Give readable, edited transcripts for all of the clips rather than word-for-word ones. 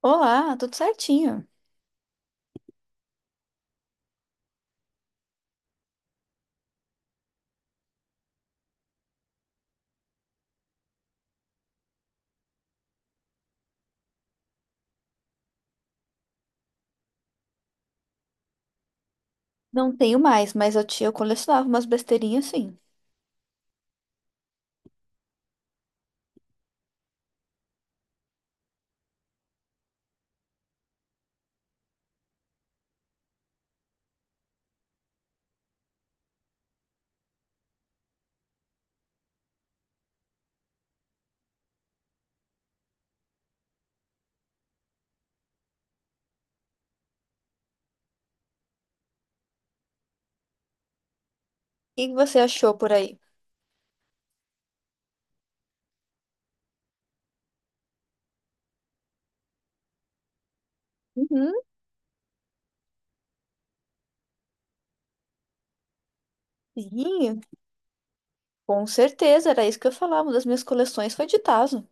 Olá, tudo certinho. Não tenho mais, mas eu tinha, eu colecionava umas besteirinhas assim. O que que você achou por aí? Uhum, sim, com certeza, era isso que eu falava. Uma das minhas coleções foi de Tazo.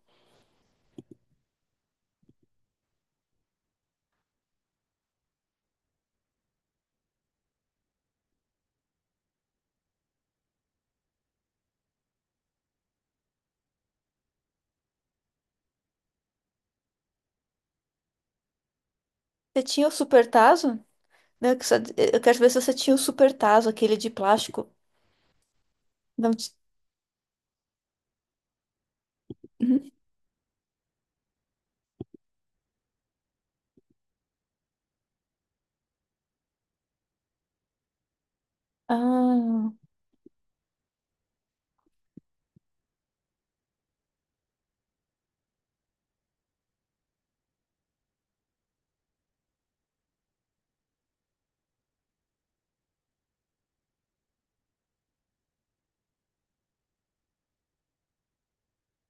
Você tinha o Super Tazo? Né, eu quero ver se você tinha o Super Tazo, aquele de plástico. Não, ti- ah,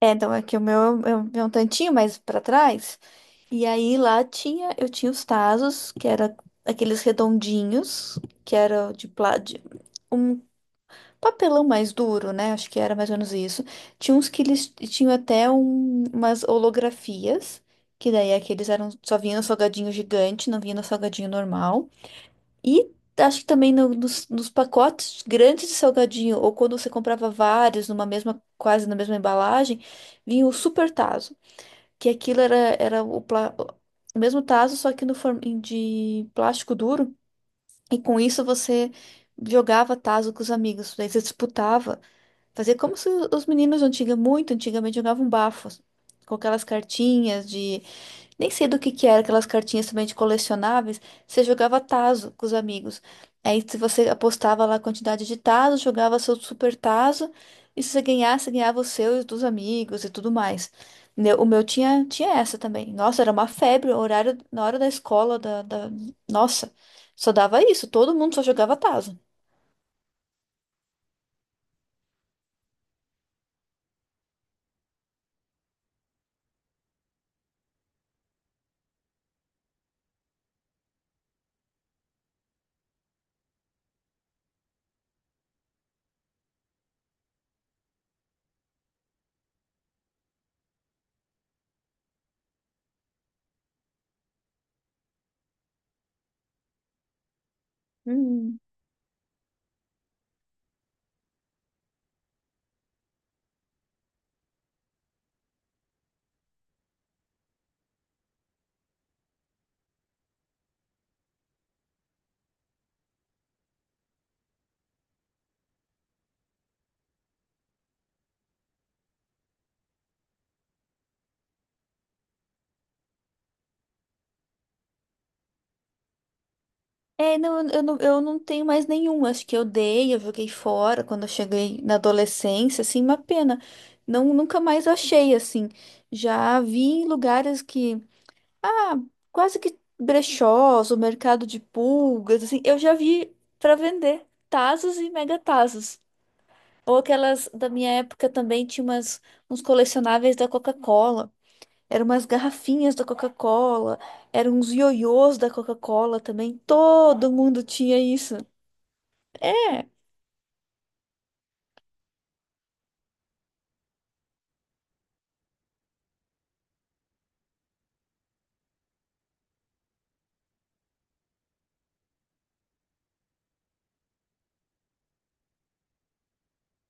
é, então aqui o meu é um tantinho mais pra trás. E aí lá tinha, eu tinha os Tazos, que era aqueles redondinhos, que era de plástico papelão mais duro, né? Acho que era mais ou menos isso. Tinha uns que eles tinham até umas holografias, que daí aqueles eram só vinha no salgadinho gigante, não vinha no salgadinho normal. E acho que também nos pacotes grandes de salgadinho, ou quando você comprava vários numa mesma, quase na mesma embalagem, vinha o super tazo, que aquilo era o mesmo tazo, só que no de plástico duro. E com isso você jogava tazo com os amigos, daí você disputava. Fazia como se os meninos antiga, muito antigamente jogavam bafos. Com aquelas cartinhas de. Nem sei do que era, aquelas cartinhas também de colecionáveis. Você jogava tazo com os amigos. Aí se você apostava lá a quantidade de tazo, jogava seu super tazo. E se você ganhasse, ganhava o seu e os dos amigos e tudo mais. O meu tinha, tinha essa também. Nossa, era uma febre. O horário, na hora da escola, da, da. Nossa, só dava isso. Todo mundo só jogava tazo. Hum. É, não, eu não, eu não tenho mais nenhum. Acho que eu dei, eu joguei fora quando eu cheguei na adolescência, assim, uma pena. Não, nunca mais achei, assim. Já vi em lugares que, ah, quase que brechós, o mercado de pulgas, assim, eu já vi para vender tazos e mega tazos. Ou aquelas da minha época também tinha umas, uns colecionáveis da Coca-Cola. Eram umas garrafinhas da Coca-Cola, eram uns ioiôs da Coca-Cola também. Todo mundo tinha isso. É.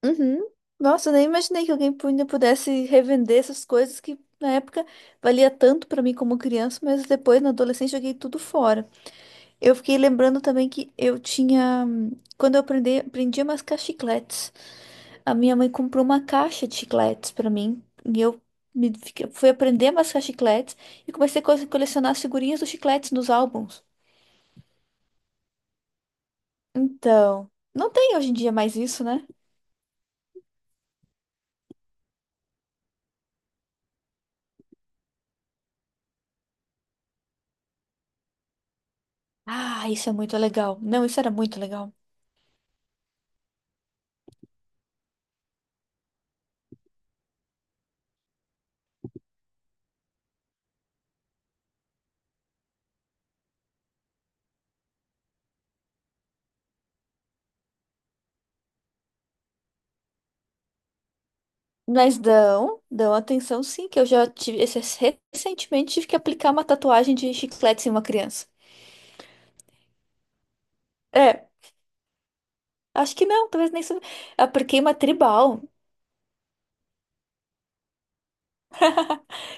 Uhum. Nossa, eu nem imaginei que alguém ainda pudesse revender essas coisas que na época valia tanto pra mim como criança, mas depois na adolescência joguei tudo fora. Eu fiquei lembrando também que eu tinha, quando eu aprendi, aprendi a mascar chicletes, a minha mãe comprou uma caixa de chicletes pra mim e eu fui aprender a mascar chicletes e comecei a colecionar as figurinhas dos chicletes nos álbuns. Então, não tem hoje em dia mais isso, né? Ah, isso é muito legal. Não, isso era muito legal. Mas dão, dão atenção sim, que eu já recentemente tive que aplicar uma tatuagem de chiclete em uma criança. É, acho que não, talvez nem sou. Apliquei uma tribal.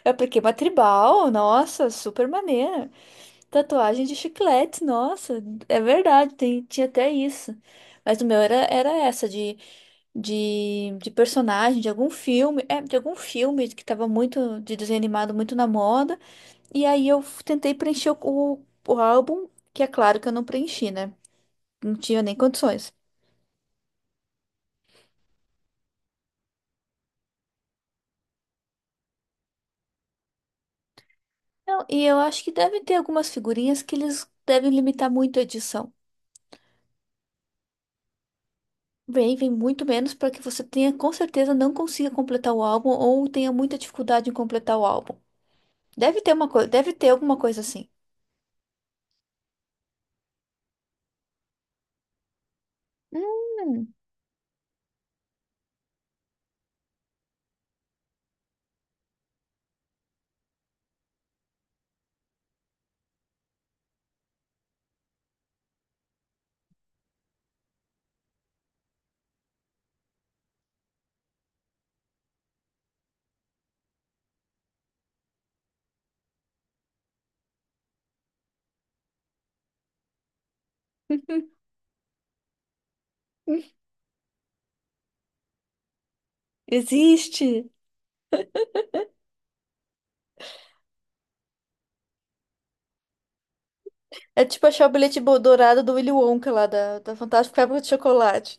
Eu apliquei uma tribal, nossa, super maneira. Tatuagem de chiclete, nossa, é verdade, tem, tinha até isso. Mas o meu era, era essa, de personagem, de algum filme, é, de algum filme que tava muito, de desenho animado, muito na moda. E aí tentei preencher o álbum, que é claro que eu não preenchi, né? Não tinha nem condições. Não e eu acho que devem ter algumas figurinhas que eles devem limitar muito a edição. Vem muito menos para que você tenha, com certeza, não consiga completar o álbum ou tenha muita dificuldade em completar o álbum. Deve ter uma coisa, deve ter alguma coisa assim. Hum, existe! É tipo achar o dourado do Willy Wonka lá da, da Fantástica Fábrica de Chocolate.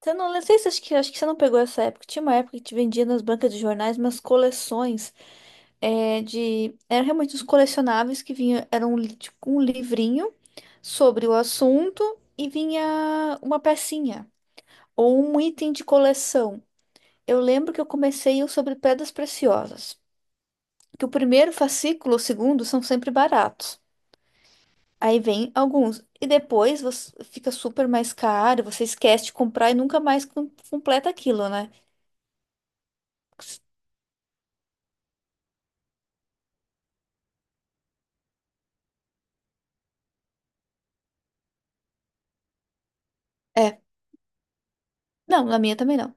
Você não, não sei se acho que, acho que você não pegou essa época. Tinha uma época que te vendia nas bancas de jornais umas coleções é, de. Eram realmente uns colecionáveis que vinha. Era tipo, um livrinho sobre o assunto e vinha uma pecinha ou um item de coleção. Eu lembro que eu comecei o sobre pedras preciosas. Que o primeiro fascículo, o segundo, são sempre baratos. Aí vem alguns. E depois você fica super mais caro, você esquece de comprar e nunca mais completa aquilo, né? É. Não, na minha também não.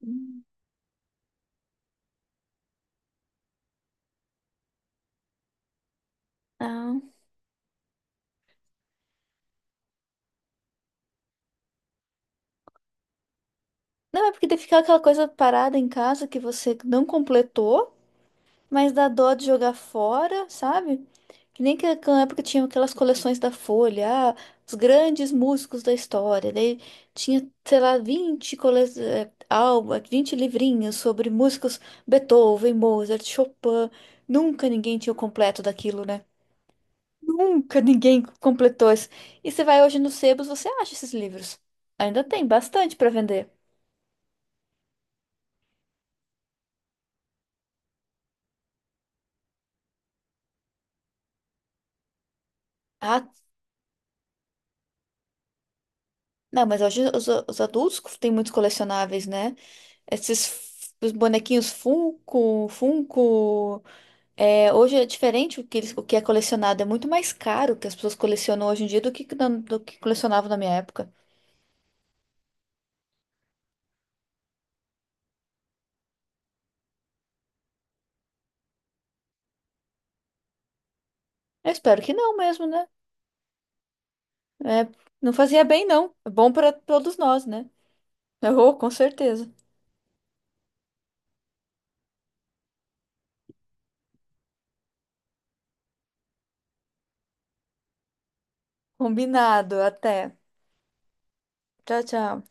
Hum, não. Não, é porque daí fica aquela coisa parada em casa que você não completou. Mas dá dó de jogar fora, sabe? Que nem que na época tinha aquelas coleções da Folha, ah, os grandes músicos da história. Daí tinha, sei lá, 20 cole... eh, alba, 20 livrinhos sobre músicos Beethoven, Mozart, Chopin. Nunca ninguém tinha o completo daquilo, né? Nunca ninguém completou isso. E você vai hoje nos sebos, você acha esses livros. Ainda tem bastante para vender. Ah, não, mas hoje os adultos têm muitos colecionáveis, né? Esses os bonequinhos Funko, Funko. É, hoje é diferente o que, o que é colecionado. É muito mais caro o que as pessoas colecionam hoje em dia do que, do que colecionavam na minha época. Eu espero que não mesmo, né? É, não fazia bem, não. É bom para todos nós, né? Oh, com certeza. Combinado. Até. Tchau, tchau.